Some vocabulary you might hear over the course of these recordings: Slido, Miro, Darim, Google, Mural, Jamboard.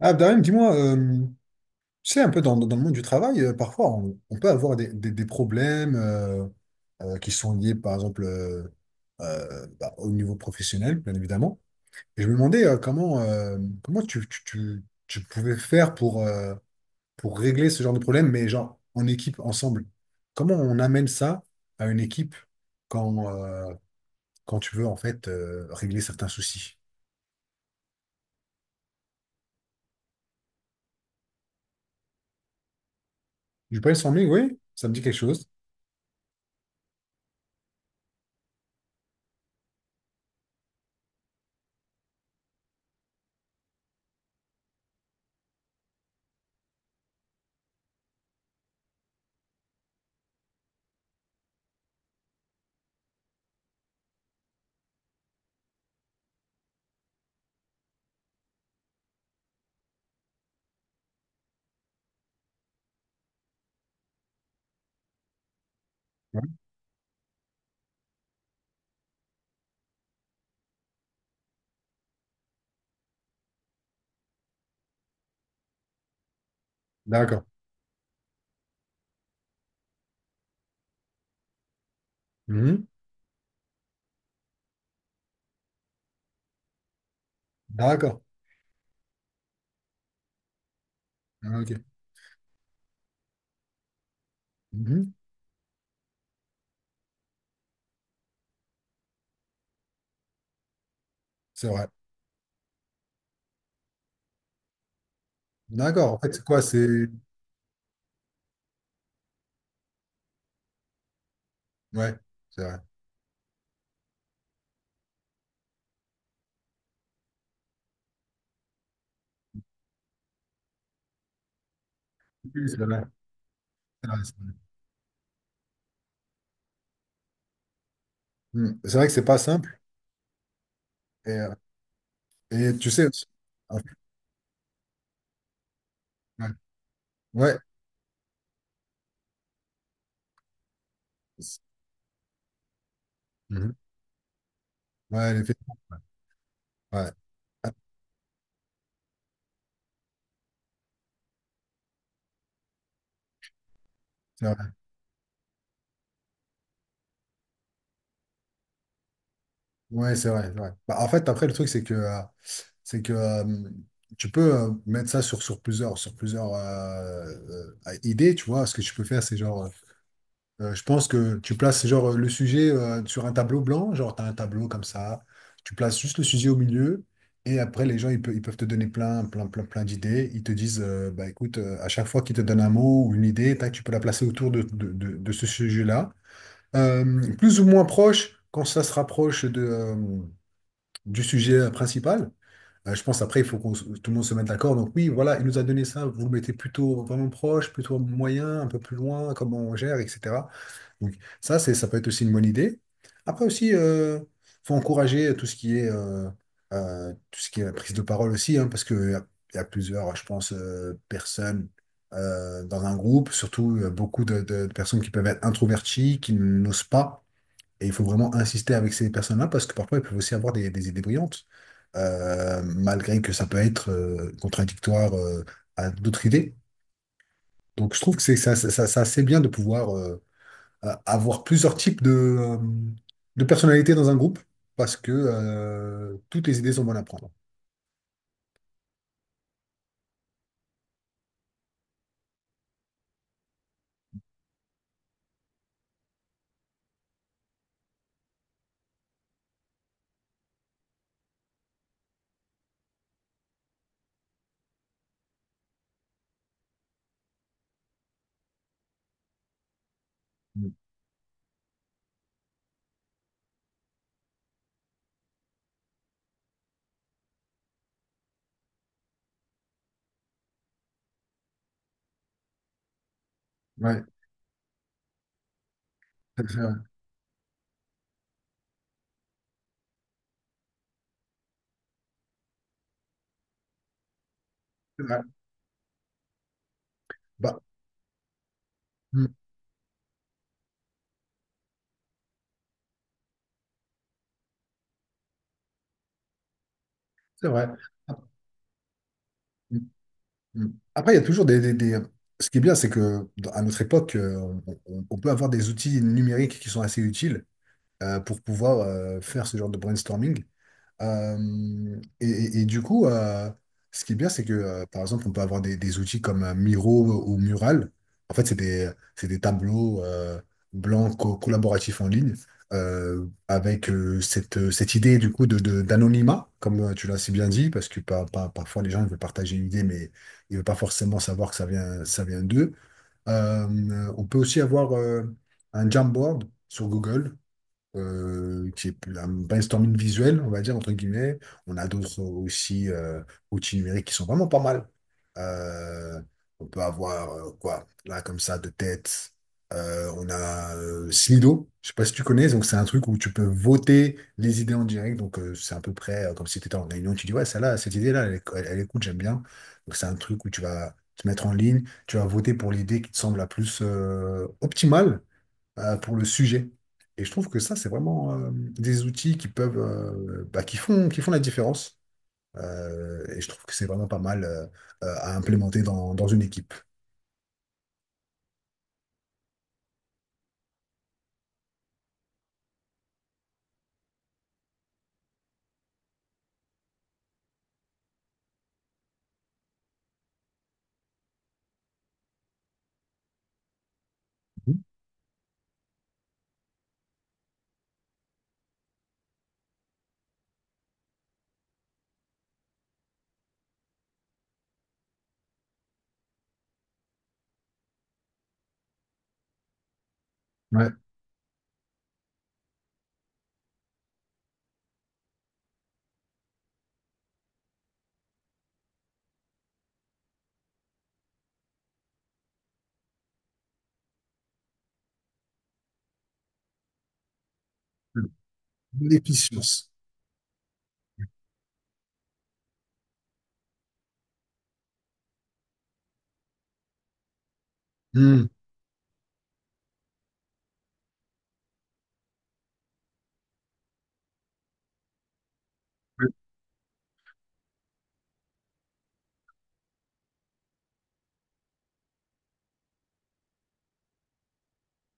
Ah, Darim, dis-moi, tu sais, un peu dans le monde du travail, parfois, on peut avoir des problèmes qui sont liés, par exemple, au niveau professionnel, bien évidemment. Et je me demandais comment, comment tu pouvais faire pour régler ce genre de problème, mais genre en équipe, ensemble. Comment on amène ça à une équipe quand, quand tu veux, en fait, régler certains soucis? Du brainstorming, oui, ça me dit quelque chose. Ouais. D'accord. Mhm. D'accord. Ah, ok. Mhm. C'est vrai. D'accord. En fait, c'est quoi? C'est. Ouais, c'est vrai. Oui, c'est vrai. C'est vrai, c'est vrai. Hmm. C'est vrai que c'est pas simple. Et, euh, et tu sais aussi. Ah, ouais. Ouais, mhm. Ouais, les faits. Ouais. Ouais. Ah, c'est vrai. Ouais, c'est vrai, c'est vrai. Bah, en fait, après, le truc, c'est que tu peux mettre ça sur, sur plusieurs idées, tu vois. Ce que tu peux faire, c'est genre. Je pense que tu places genre le sujet sur un tableau blanc, genre tu as un tableau comme ça, tu places juste le sujet au milieu, et après les gens ils peuvent te donner plein, plein, plein, plein d'idées. Ils te disent, bah écoute, à chaque fois qu'ils te donnent un mot ou une idée, tac, tu peux la placer autour de ce sujet-là. Plus ou moins proche, quand ça se rapproche de, du sujet principal. Je pense après, il faut qu'on se- tout le monde se mette d'accord. Donc oui, voilà, il nous a donné ça. Vous le mettez plutôt vraiment proche, plutôt moyen, un peu plus loin, comment on gère, etc. Donc, ça, c'est, ça peut être aussi une bonne idée. Après aussi, faut encourager tout ce qui est, tout ce qui est la prise de parole aussi, hein, parce qu'il y a, il y a plusieurs, je pense, personnes dans un groupe, surtout beaucoup de personnes qui peuvent être introverties, qui n'osent pas. Et il faut vraiment insister avec ces personnes-là, parce que parfois, elles peuvent aussi avoir des idées brillantes, malgré que ça peut être contradictoire à d'autres idées. Donc, je trouve que c'est ça, ça, c'est bien de pouvoir... avoir plusieurs types de personnalités dans un groupe parce que toutes les idées sont bonnes à prendre. Mm. Ouais, c'est vrai. C'est vrai. Bah, mm, c'est vrai. Ah, mm, mm. Après, il y a toujours ce qui est bien, c'est que à notre époque, on peut avoir des outils numériques qui sont assez utiles pour pouvoir faire ce genre de brainstorming. Et du coup, ce qui est bien, c'est que, par exemple, on peut avoir des outils comme Miro ou Mural. En fait, c'est des tableaux blancs collaboratifs en ligne, avec cette, cette idée du coup de, d'anonymat, comme tu l'as si bien dit, parce que parfois les gens ils veulent partager une idée, mais ils ne veulent pas forcément savoir que ça vient d'eux. On peut aussi avoir un Jamboard sur Google, qui est plus un brainstorming visuel, on va dire, entre guillemets. On a d'autres aussi outils numériques qui sont vraiment pas mal. Euh, on peut avoir, quoi, là, comme ça, de tête. On a Slido, je sais pas si tu connais, donc c'est un truc où tu peux voter les idées en direct, donc c'est à peu près comme si tu étais en réunion, tu dis ouais, celle-là, cette idée-là, elle, elle est cool, j'aime bien. Donc c'est un truc où tu vas te mettre en ligne, tu vas voter pour l'idée qui te semble la plus optimale, pour le sujet. Et je trouve que ça, c'est vraiment des outils qui peuvent, bah, qui font la différence. Et je trouve que c'est vraiment pas mal à implémenter dans, dans une équipe. Ouais. De l'efficience. Hmm.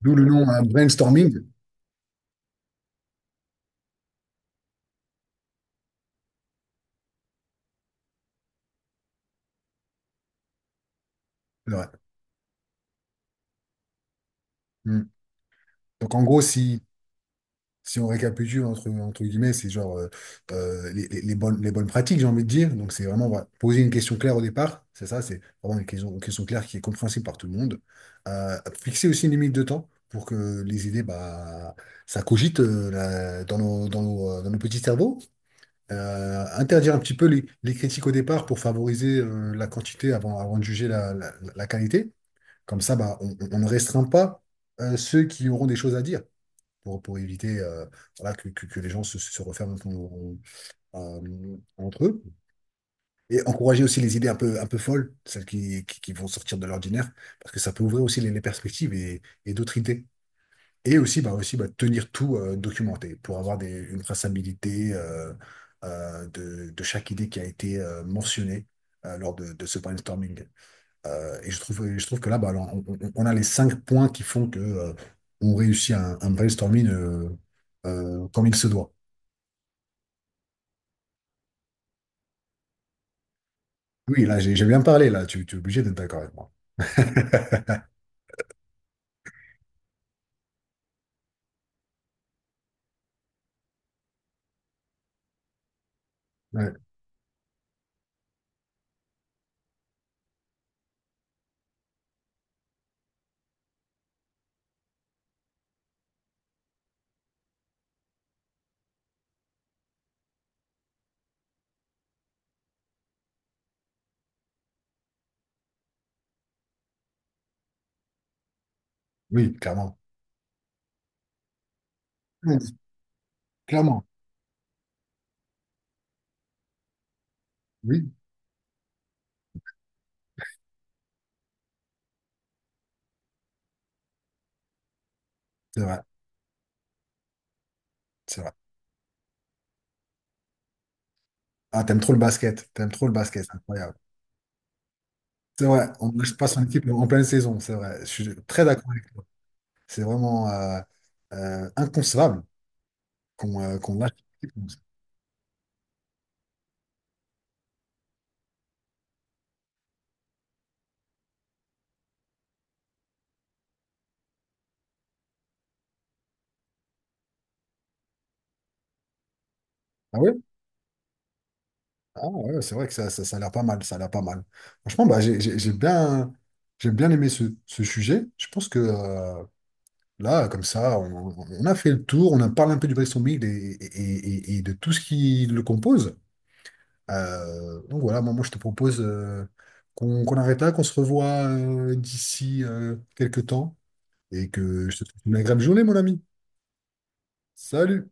D'où le nom, hein, brainstorming. C'est vrai. Hmm. Donc en gros, si on récapitule entre, entre guillemets, c'est genre les, les bonnes pratiques, j'ai envie de dire. Donc, c'est vraiment voilà, poser une question claire au départ. C'est ça, c'est vraiment une question claire qui est compréhensible par tout le monde. Euh, Fixer aussi une limite de temps pour que les idées, bah, ça cogite dans nos, dans nos petits cerveaux. Interdire un petit peu les critiques au départ pour favoriser la quantité avant, avant de juger la, la qualité. Comme ça, bah, on ne restreint pas ceux qui auront des choses à dire pour éviter voilà, que les gens se, se referment entre eux. Et encourager aussi les idées un peu folles, celles qui vont sortir de l'ordinaire, parce que ça peut ouvrir aussi les perspectives et d'autres idées. Et aussi bah, tenir tout documenté pour avoir une traçabilité de chaque idée qui a été mentionnée lors de ce brainstorming. Et je trouve que là, bah, alors, on a les cinq points qui font que on réussit un brainstorming comme il se doit. Oui, là, j'ai bien parlé, là, tu es obligé d'être d'accord avec moi. Ouais, oui, clairement. Ouais, clairement, oui, c'est vrai, c'est vrai. Ah, t'aimes trop le basket, t'aimes trop le basket, c'est incroyable. C'est vrai, on ne lâche pas son équipe en pleine saison, c'est vrai. Je suis très d'accord avec toi. C'est vraiment inconcevable qu'on lâche son équipe comme ça. Ah oui, ah ouais, c'est vrai que ça a l'air pas mal, ça a l'air pas mal. Franchement, bah, j'ai bien aimé ce, ce sujet. Je pense que là, comme ça, on a fait le tour, on a parlé un peu du bristol et de tout ce qui le compose. Donc voilà, moi, moi, je te propose qu'on qu'on arrête là, qu'on se revoit d'ici quelques temps et que je te souhaite une agréable journée, mon ami. Salut!